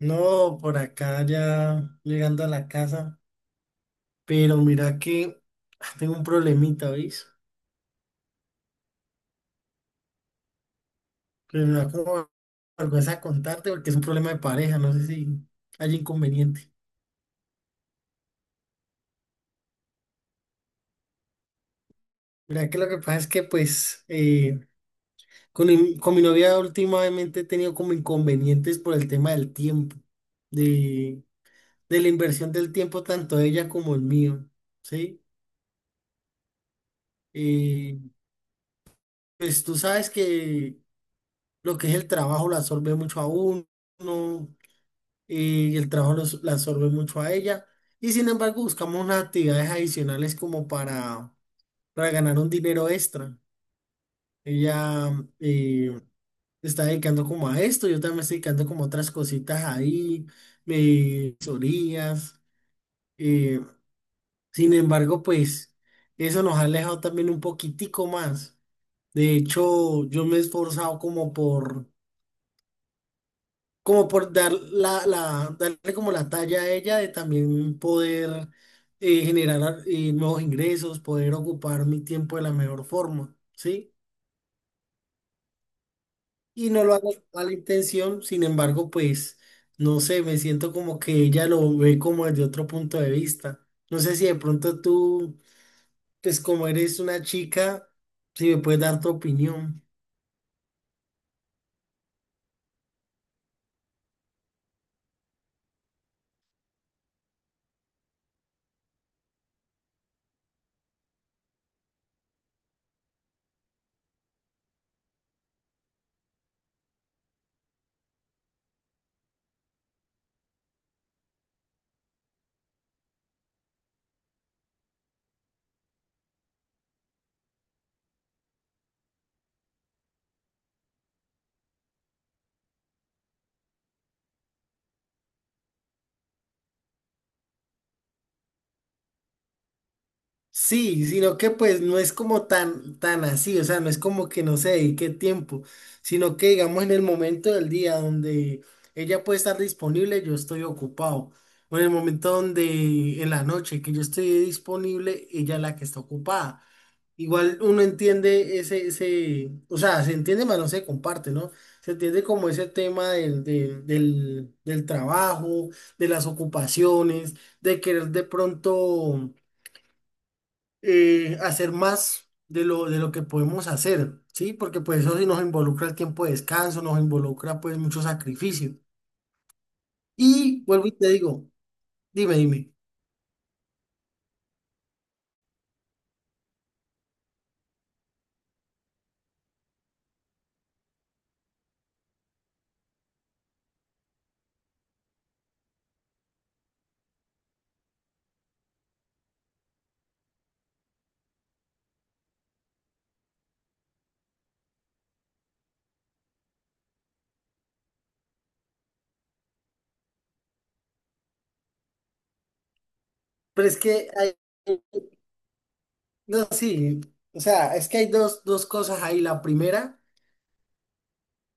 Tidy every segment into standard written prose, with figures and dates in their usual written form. No, por acá ya llegando a la casa, pero mira que tengo un problemita, ¿veis? Que me da como vergüenza contarte porque es un problema de pareja, no sé si hay inconveniente. Mira que lo que pasa es que pues con, con mi novia últimamente he tenido como inconvenientes por el tema del tiempo, de, de la inversión del tiempo tanto de ella como el mío, ¿sí? Eh, pues tú sabes que lo que es el trabajo lo absorbe mucho a uno y el trabajo la absorbe mucho a ella. Y sin embargo, buscamos unas actividades adicionales como para ganar un dinero extra. Ella eh, se está dedicando como a esto, yo también me estoy dedicando como a otras cositas ahí, me orillas. eh, Sin embargo, pues eso nos ha alejado también un poquitico más. De hecho, yo me he esforzado como por como por dar darle como la talla a ella de también poder generar nuevos ingresos, poder ocupar mi tiempo de la mejor forma, ¿sí? Y no lo hago con la intención, sin embargo, pues, no sé, me siento como que ella lo ve como desde otro punto de vista. No sé si de pronto tú, pues como eres una chica, si me puedes dar tu opinión. Sí, sino que pues no es como tan, tan así, o sea, no es como que no se dedique tiempo, sino que digamos en el momento del día donde ella puede estar disponible, yo estoy ocupado. O en el momento donde en la noche que yo estoy disponible, ella es la que está ocupada. Igual uno entiende ese, ese, o sea, se entiende, pero no se comparte, ¿no? Se entiende como ese tema del trabajo, de las ocupaciones, de querer de pronto hacer más de lo que podemos hacer, ¿sí? Porque pues eso sí nos involucra el tiempo de descanso, nos involucra pues mucho sacrificio. Y vuelvo y te digo, dime, pero es que no, sí, o sea, es que hay dos cosas ahí. La primera,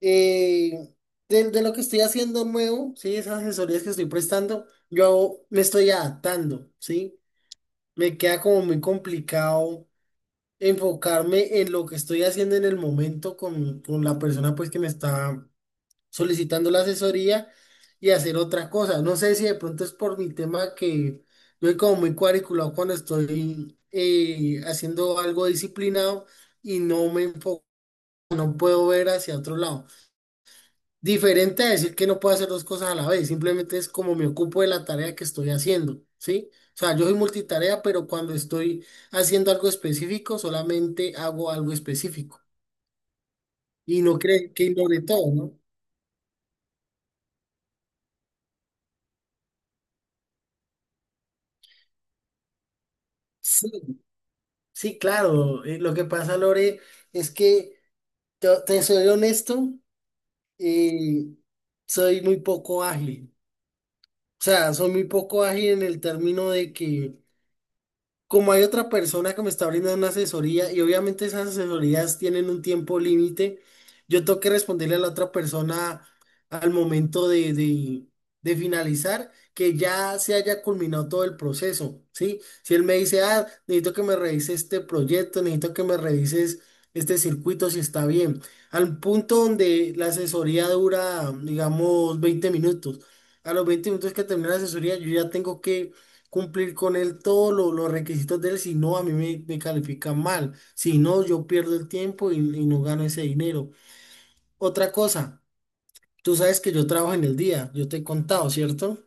eh, de lo que estoy haciendo nuevo, ¿sí? Esas asesorías que estoy prestando, yo me estoy adaptando, ¿sí? Me queda como muy complicado enfocarme en lo que estoy haciendo en el momento con la persona pues que me está solicitando la asesoría y hacer otra cosa. No sé si de pronto es por mi tema que yo soy como muy cuadriculado cuando estoy haciendo algo disciplinado y no me enfoco, no puedo ver hacia otro lado. Diferente a decir que no puedo hacer dos cosas a la vez, simplemente es como me ocupo de la tarea que estoy haciendo, ¿sí? O sea, yo soy multitarea, pero cuando estoy haciendo algo específico, solamente hago algo específico. Y no cree que ignore todo, ¿no? Sí, sí, claro. Lo que pasa, Lore, es que te soy honesto, eh, soy muy poco ágil. O sea, soy muy poco ágil en el término de que como hay otra persona que me está brindando una asesoría y obviamente esas asesorías tienen un tiempo límite, yo tengo que responderle a la otra persona al momento de finalizar que ya se haya culminado todo el proceso, ¿sí? Si él me dice, ah, necesito que me revises este proyecto, necesito que me revises este circuito si está bien, al punto donde la asesoría dura, digamos, 20 minutos. A los 20 minutos que termina la asesoría, yo ya tengo que cumplir con él todos los requisitos de él, si no, a mí me califican mal. Si no, yo pierdo el tiempo y no gano ese dinero. Otra cosa, tú sabes que yo trabajo en el día, yo te he contado, ¿cierto?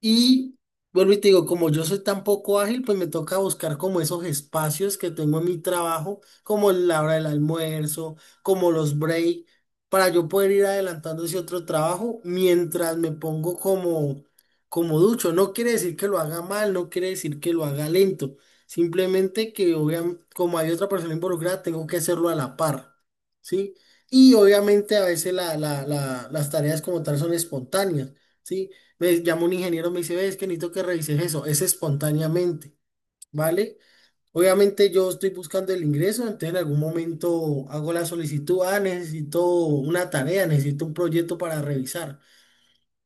Y vuelvo y te digo, como yo soy tan poco ágil, pues me toca buscar como esos espacios que tengo en mi trabajo, como la hora del almuerzo, como los break, para yo poder ir adelantando ese otro trabajo mientras me pongo como ducho. No quiere decir que lo haga mal, no quiere decir que lo haga lento. Simplemente que obviamente, como hay otra persona involucrada, tengo que hacerlo a la par, ¿sí? Y obviamente a veces las tareas como tal son espontáneas. ¿Sí? Me llama un ingeniero, me dice, ves que necesito que revises eso, es espontáneamente, ¿vale? Obviamente yo estoy buscando el ingreso, entonces en algún momento hago la solicitud, ah, necesito una tarea, necesito un proyecto para revisar.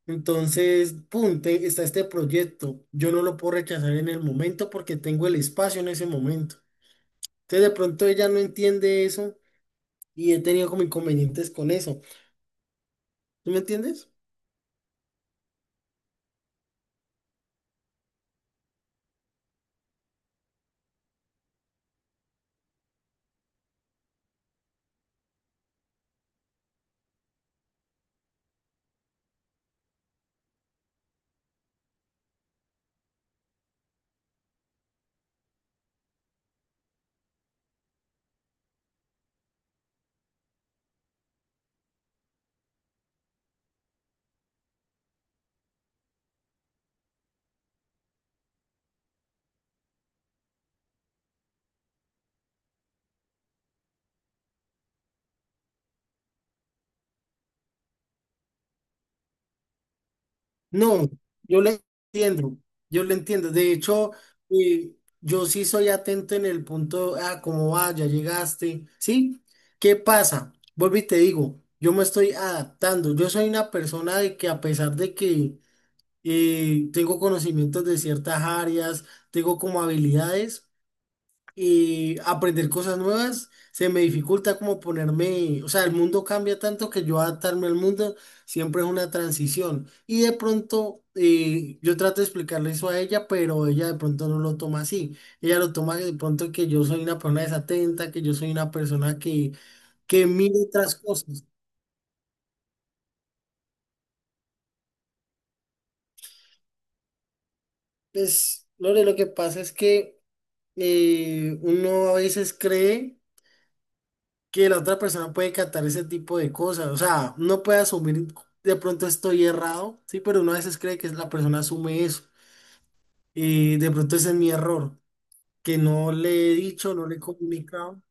Entonces, pum, está este proyecto, yo no lo puedo rechazar en el momento porque tengo el espacio en ese momento. Entonces de pronto ella no entiende eso y he tenido como inconvenientes con eso. ¿Tú me entiendes? No, yo le entiendo, yo le entiendo. De hecho, eh, yo sí soy atento en el punto, ah, cómo va, ya llegaste, ¿sí? ¿Qué pasa? Vuelvo y te digo, yo me estoy adaptando. Yo soy una persona de que a pesar de que tengo conocimientos de ciertas áreas, tengo como habilidades y aprender cosas nuevas, se me dificulta como ponerme, o sea, el mundo cambia tanto que yo adaptarme al mundo siempre es una transición. Y de pronto yo trato de explicarle eso a ella, pero ella de pronto no lo toma así. Ella lo toma de pronto que yo soy una persona desatenta, que yo soy una persona que mira otras cosas. Pues, Lore, lo que pasa es que uno a veces cree que la otra persona puede captar ese tipo de cosas. O sea, no puede asumir, de pronto estoy errado, sí, pero uno a veces cree que la persona asume eso. Y de pronto ese es mi error, que no le he dicho, no le he comunicado.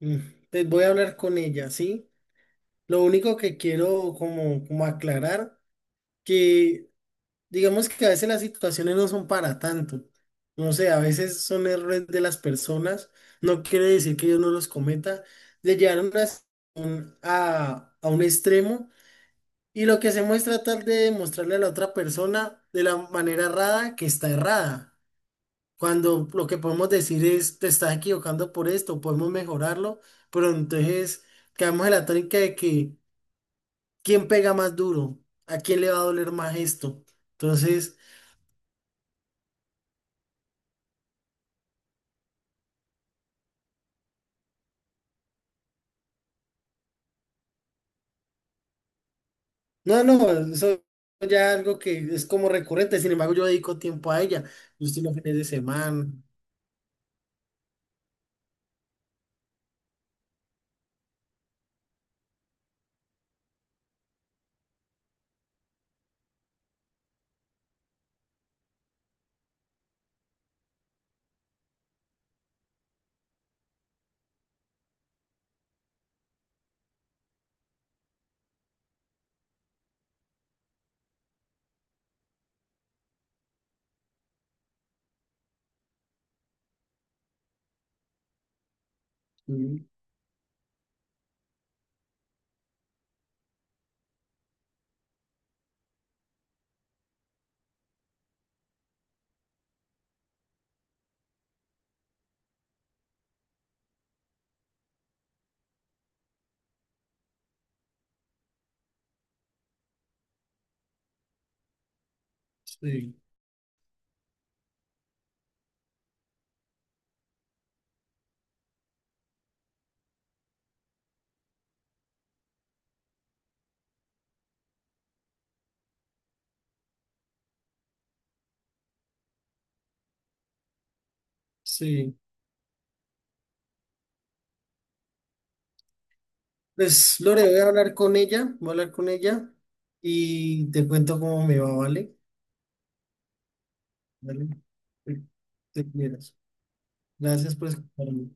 Mm, pues voy a hablar con ella, ¿sí? Lo único que quiero como aclarar, que digamos que a veces las situaciones no son para tanto. No sé, a veces son errores de las personas. No quiere decir que yo no los cometa. Le llevaron a a un extremo y lo que hacemos es tratar de mostrarle a la otra persona de la manera errada que está errada. Cuando lo que podemos decir es, te estás equivocando por esto, podemos mejorarlo, pero entonces quedamos en la tónica de que quién pega más duro, a quién le va a doler más esto. Entonces... No, no, eso ya algo que es como recurrente, sin embargo yo dedico tiempo a ella, justo los fines de semana. Mm, sí, sí. Pues Lore, voy a hablar con ella, voy a hablar con ella y te cuento cómo me va, ¿vale? ¿Vale? Te Te cuidas. Gracias por escucharme.